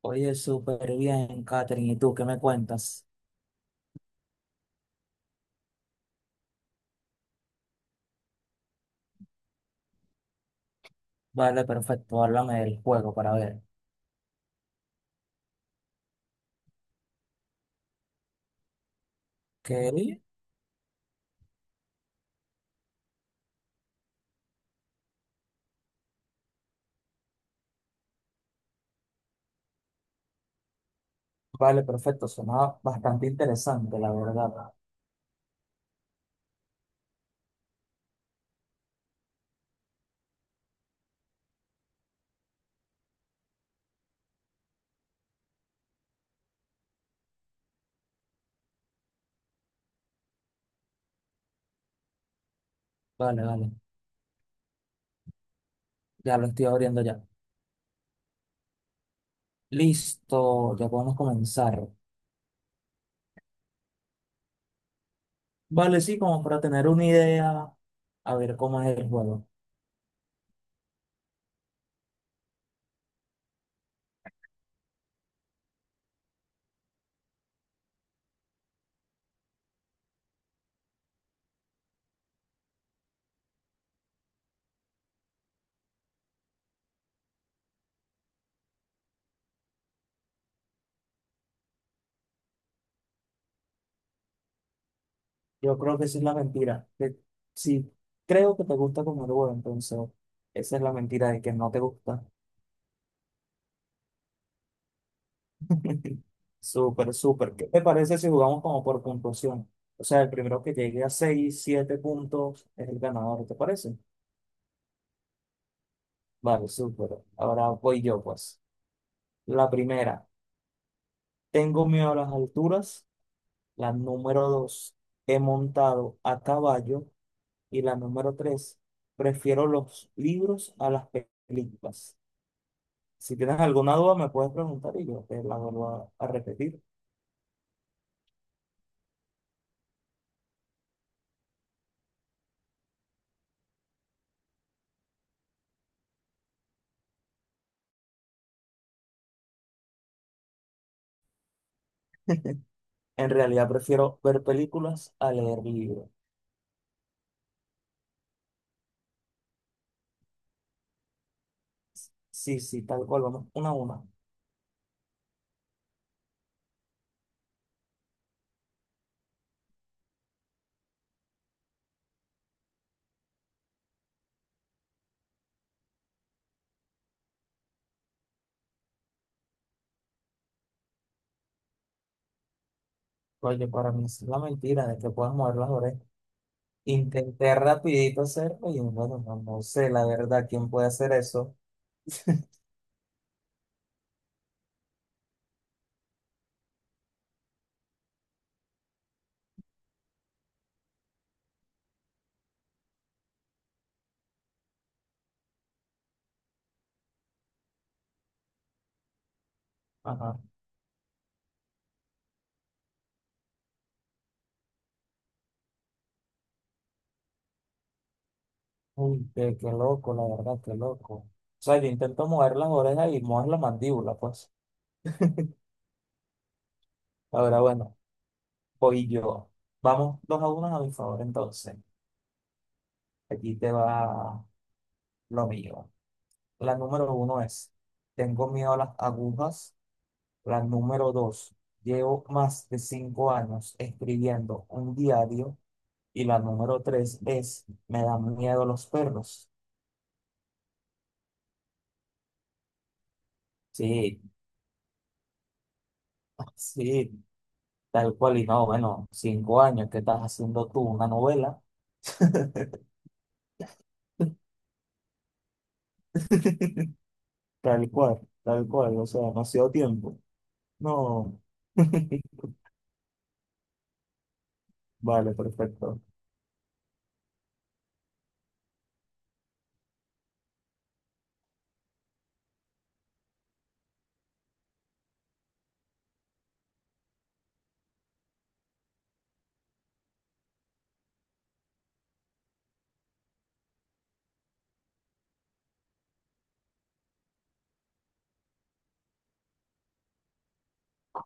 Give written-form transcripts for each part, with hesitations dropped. Oye, súper bien, Katherine. ¿Y tú qué me cuentas? Vale, perfecto. Háblame del juego para ver. ¿Qué? Vale, perfecto. Sonaba bastante interesante, la verdad. Vale, vale. Ya lo estoy abriendo ya. Listo, ya podemos comenzar. Vale, sí, como para tener una idea, a ver cómo es el juego. Yo creo que esa es la mentira. Que sí, creo que te gusta como el juego, entonces esa es la mentira de que no te gusta. Súper, súper. ¿Qué te parece si jugamos como por puntuación? O sea, el primero que llegue a 6 7 puntos es el ganador, ¿te parece? Vale, súper. Ahora voy yo, pues. La primera, tengo miedo a las alturas. La número 2 he montado a caballo. Y la número 3 prefiero los libros a las películas. Si tienes alguna duda, me puedes preguntar y yo te la vuelvo a repetir. En realidad, prefiero ver películas a leer libros. Sí, sí, tal cual, vamos 1-1. Oye, para mí es la mentira de que puedas mover las orejas. Intenté rapidito hacerlo y bueno, no, no sé, la verdad, ¿quién puede hacer eso? Ajá. Uy, qué loco, la verdad, qué loco. O sea, yo intento mover las orejas y mover la mandíbula, pues. Ahora, bueno, voy yo. Vamos 2-1 a mi favor, entonces. Aquí te va lo mío. La número uno es, tengo miedo a las agujas. La número dos, llevo más de 5 años escribiendo un diario. Y la número tres es, me dan miedo los perros. Sí, sí, tal cual. Y no, bueno, 5 años que estás haciendo tú una novela. Tal cual, o sea, demasiado tiempo. No. Vale, perfecto.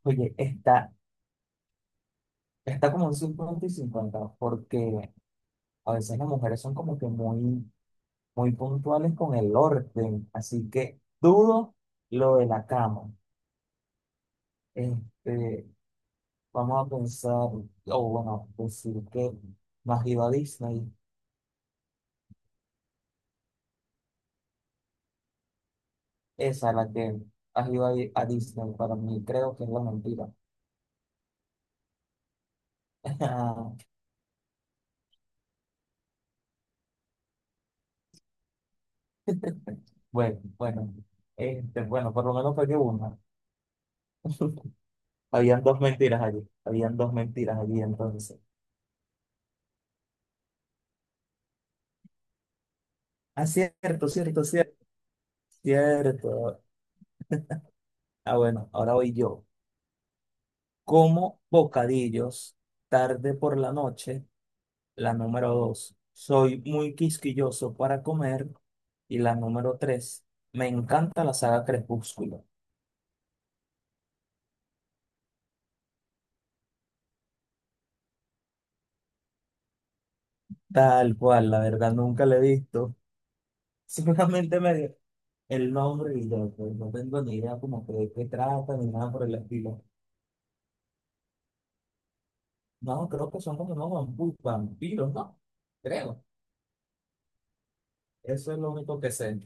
Oye, está como un 50 y 50 porque a veces las mujeres son como que muy muy puntuales con el orden, así que dudo lo de la cama. Este, vamos a pensar, o bueno, decir que no has ido a Disney, esa es la que has ido a Disney, para mí creo que es la mentira. Bueno, bueno, este, bueno, por lo menos fue que una. Habían dos mentiras allí, habían dos mentiras allí entonces. Ah, cierto, cierto, cierto, cierto. Ah, bueno, ahora voy yo. Como bocadillos tarde por la noche, la número dos. Soy muy quisquilloso para comer. Y la número tres, me encanta la saga Crepúsculo. Tal cual, la verdad nunca la he visto. Solamente me dio el nombre y ya, pues, no tengo ni idea como que de qué trata ni nada por el estilo. No, creo que son como unos vampiros, ¿no? Creo. Eso es lo único que sé.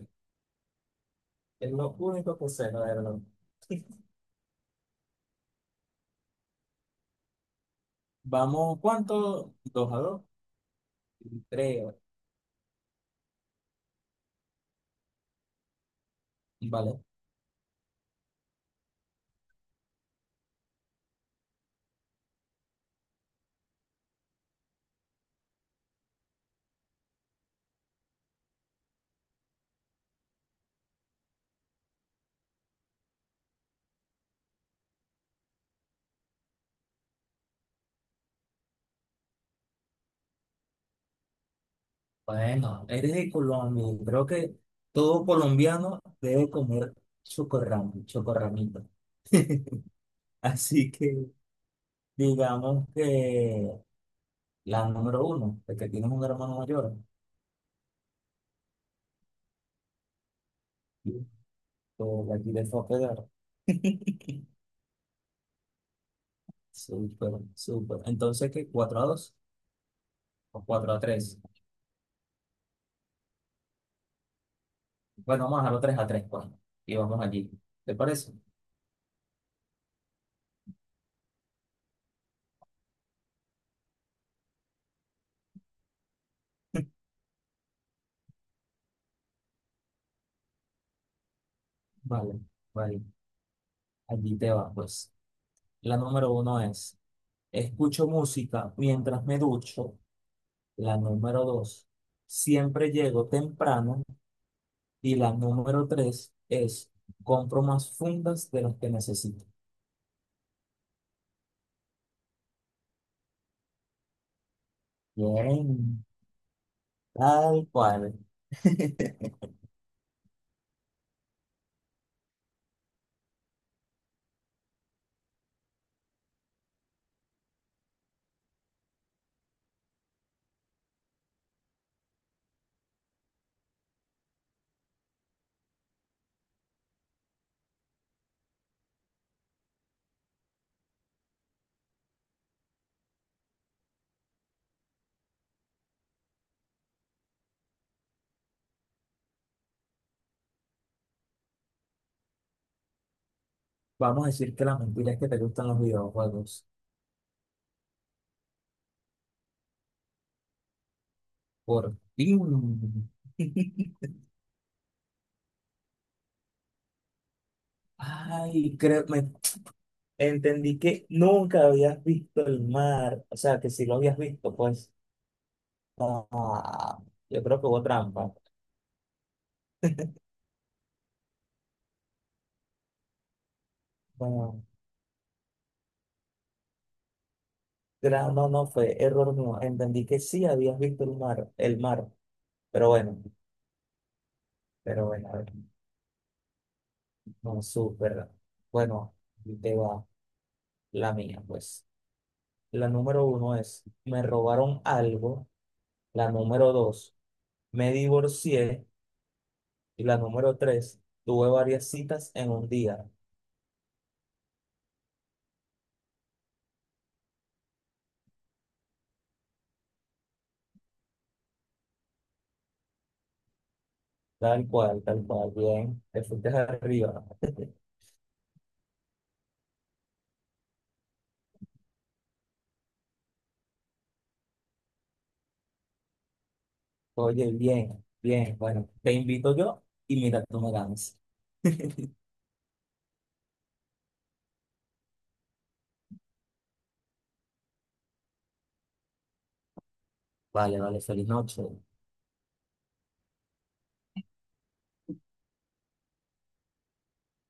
Es lo único que sé, la verdad. Vamos, ¿cuánto? ¿2-2? Creo, vale. Bueno, eres de Colombia. Creo que todo colombiano debe comer chocorramo, chocorramito. Así que digamos que la número uno, de que tienes un hermano mayor, y tú la quieres fue a pegar. Súper, súper. Entonces, ¿qué? 4-2 o 4-3. Bueno, vamos a dejarlo 3-3, pues. Y vamos allí. ¿Te parece? Vale, vale. Allí te va, pues. La número uno es, escucho música mientras me ducho. La número dos, siempre llego temprano. Y la número tres es, compro más fundas de las que necesito. Bien, tal cual. Vamos a decir que la mentira es que te gustan los videojuegos. Por fin. Ay, creo, me entendí que nunca habías visto el mar. O sea, que si lo habías visto, pues. Ah, yo creo que hubo trampa. Bueno, no, no fue error mío. Entendí que sí habías visto el mar, el mar. Pero bueno, a ver, no súper. Bueno, ahí te va la mía, pues. La número uno es, me robaron algo. La número dos, me divorcié. Y la número tres, tuve varias citas en un día. Tal cual, tal cual. Bien, te fuiste arriba. Oye, bien, bien. Bueno, te invito yo y mira, tú me ganas. Vale, vale, feliz noche.